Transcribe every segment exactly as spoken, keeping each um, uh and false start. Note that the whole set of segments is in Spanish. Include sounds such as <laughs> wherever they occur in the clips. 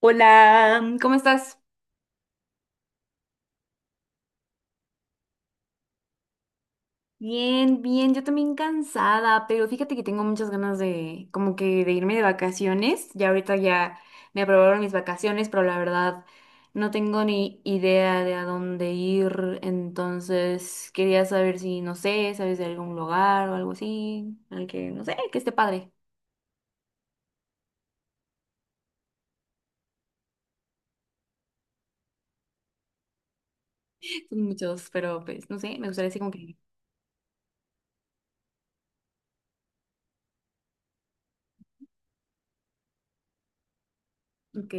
Hola, ¿cómo estás? Bien, bien, yo también cansada, pero fíjate que tengo muchas ganas de como que de irme de vacaciones. Ya ahorita ya me aprobaron mis vacaciones, pero la verdad no tengo ni idea de a dónde ir, entonces quería saber si, no sé, sabes de algún lugar o algo así, al que, no sé, que esté padre. <laughs> Son muchos, pero pues, no sé, me gustaría así como que... Ok.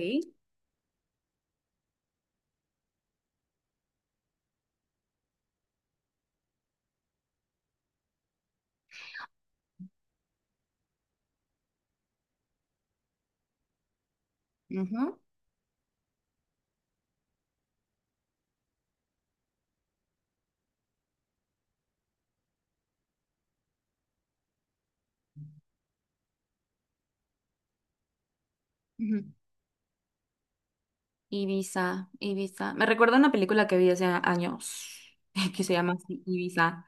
Ujú, ujú. Ibiza, Ibiza. Me recuerda una película que vi hace años <laughs> que se llama así, Ibiza.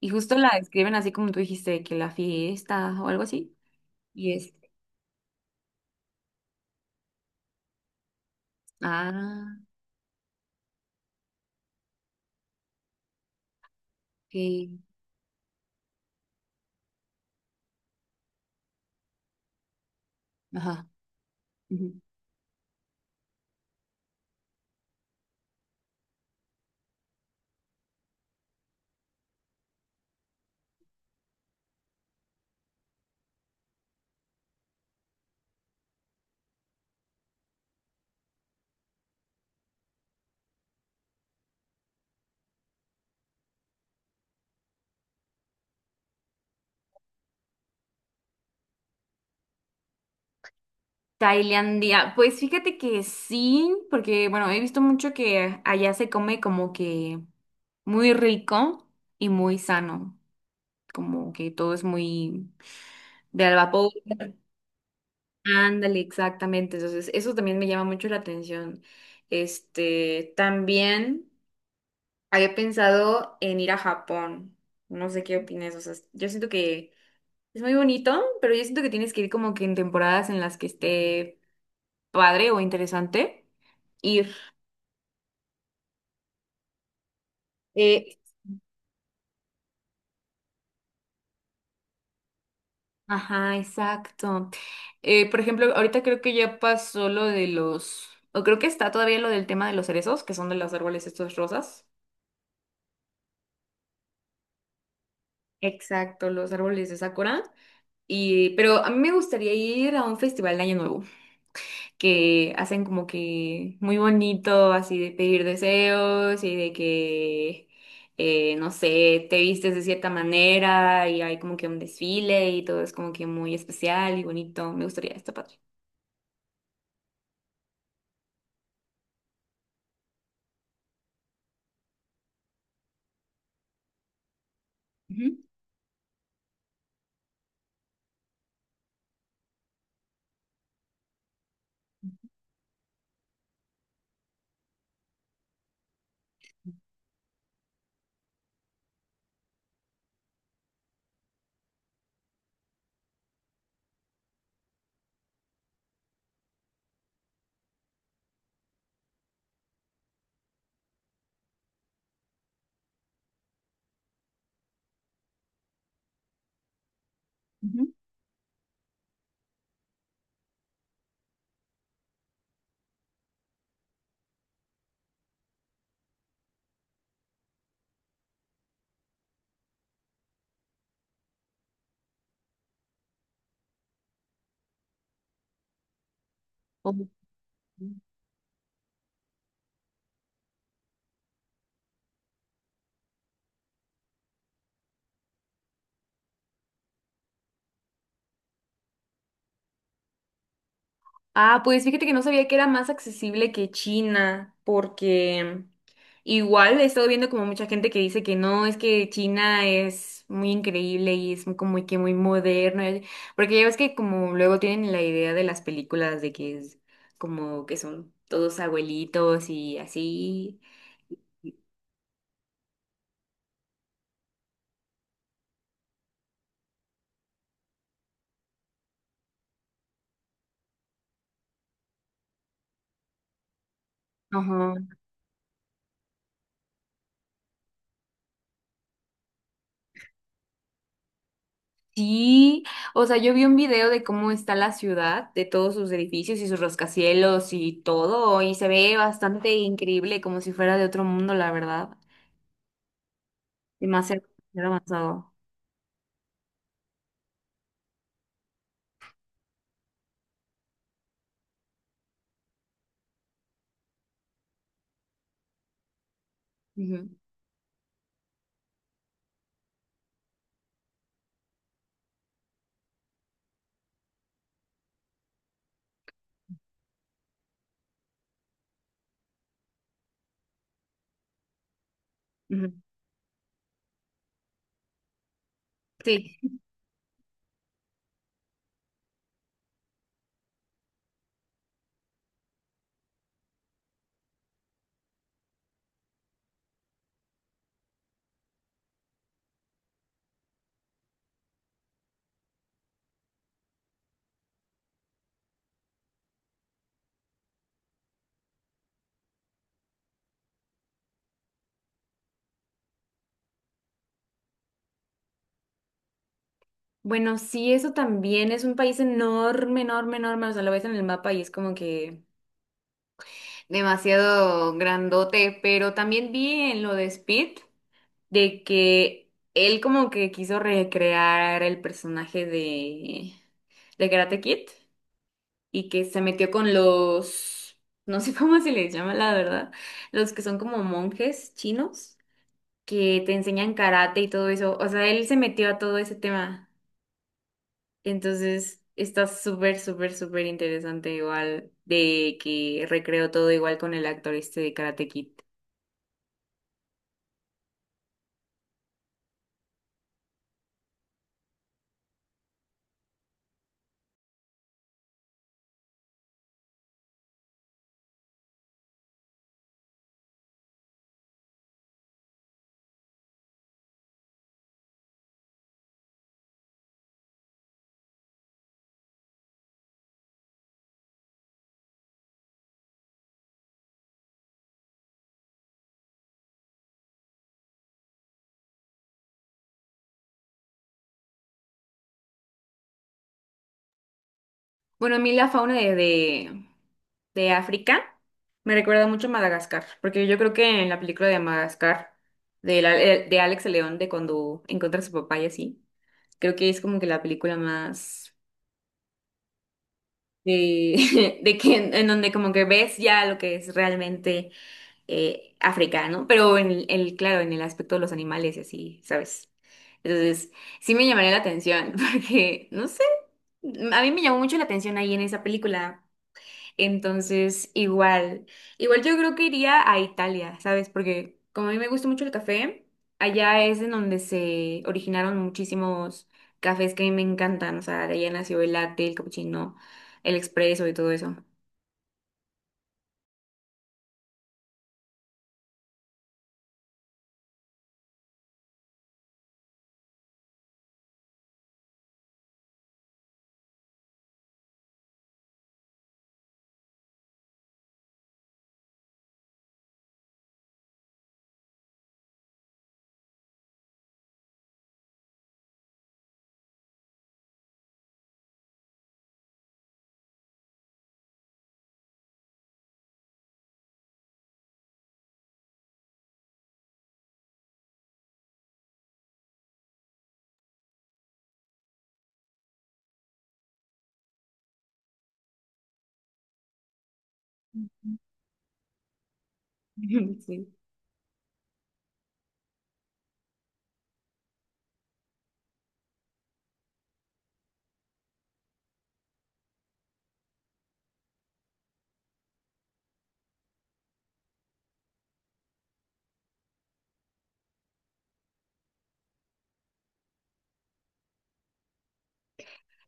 Y justo la describen así como tú dijiste, que la fiesta o algo así. Y es, ah, que, ajá. Ujú. Tailandia. Pues fíjate que sí, porque bueno, he visto mucho que allá se come como que muy rico y muy sano. Como que todo es muy de al vapor. Ándale, exactamente. Entonces, eso también me llama mucho la atención. Este, también había pensado en ir a Japón. No sé qué opinas. O sea, yo siento que es muy bonito, pero yo siento que tienes que ir como que en temporadas en las que esté padre o interesante ir. Eh, ajá, exacto. Eh, por ejemplo, ahorita creo que ya pasó lo de los, o creo que está todavía lo del tema de los cerezos, que son de los árboles estos rosas. Exacto, los árboles de Sakura. Y, pero a mí me gustaría ir a un festival de Año Nuevo, que hacen como que muy bonito, así de pedir deseos y de que, eh, no sé, te vistes de cierta manera y hay como que un desfile y todo es como que muy especial y bonito. Me gustaría, está padre. Ujú, ujú. Ah, pues fíjate que no sabía que era más accesible que China, porque igual he estado viendo como mucha gente que dice que no, es que China es muy increíble y es muy, como que muy moderno, eh, porque ya ves que como luego tienen la idea de las películas de que es como que son todos abuelitos y así. Ajá. Sí, o sea, yo vi un video de cómo está la ciudad, de todos sus edificios y sus rascacielos y todo, y se ve bastante increíble, como si fuera de otro mundo, la verdad. Demasiado demasiado avanzado. Ujú, ujú. Sí. Bueno, sí, eso también es un país enorme, enorme, enorme. O sea, lo ves en el mapa y es como que demasiado grandote, pero también vi en lo de Speed. De que él como que quiso recrear el personaje de, de Karate Kid y que se metió con los, no sé <laughs> cómo se les llama la verdad, los que son como monjes chinos que te enseñan karate y todo eso. O sea, él se metió a todo ese tema. Entonces está súper, súper, súper interesante igual de que recreó todo igual con el actor este de Karate Kid. Bueno, a mí la fauna de, de, de África me recuerda mucho a Madagascar, porque yo creo que en la película de Madagascar, de, la- eh, de Alex el León, de cuando encuentra a su papá y así, creo que es como que la película más de, <laughs> de que en, en donde como que ves ya lo que es realmente eh, África, ¿no? Pero en el, el- claro, en el aspecto de los animales y así, ¿sabes? Entonces, sí me llamaría la atención, <laughs> porque, no sé, a mí me llamó mucho la atención ahí en esa película. Entonces, igual, igual yo creo que iría a Italia, ¿sabes? Porque como a mí me gusta mucho el café, allá es en donde se originaron muchísimos cafés que a mí me encantan, o sea, de allá nació el latte, el cappuccino, el expreso y todo eso. <laughs> Sí.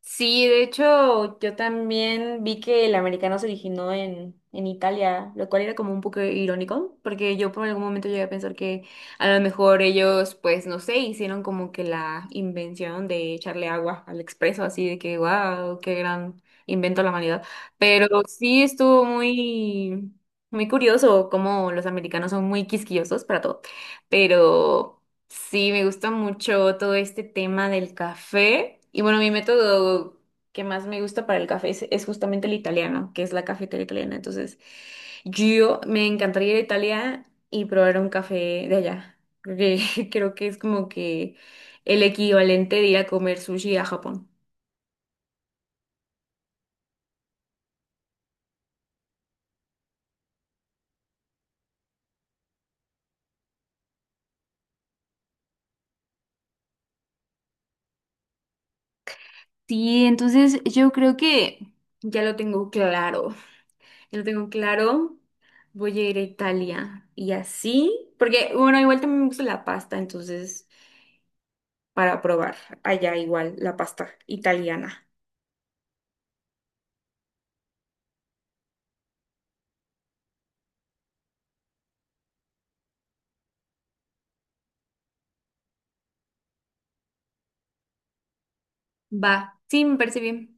Sí, de hecho, yo también vi que el americano se originó en, en Italia, lo cual era como un poco irónico, porque yo por algún momento llegué a pensar que a lo mejor ellos, pues no sé, hicieron como que la invención de echarle agua al expreso, así de que, wow, qué gran invento de la humanidad. Pero sí estuvo muy, muy curioso cómo los americanos son muy quisquillosos para todo, pero... Sí, me gusta mucho todo este tema del café. Y bueno, mi método que más me gusta para el café es, es justamente el italiano, que es la cafetería italiana. Entonces, yo me encantaría ir a Italia y probar un café de allá. Creo que, <laughs> creo que es como que el equivalente de ir a comer sushi a Japón. Sí, entonces yo creo que ya lo tengo claro. Ya lo tengo claro. Voy a ir a Italia y así, porque bueno, igual también me gusta la pasta, entonces. Para probar allá igual la pasta italiana. Va, sí, me parece bien.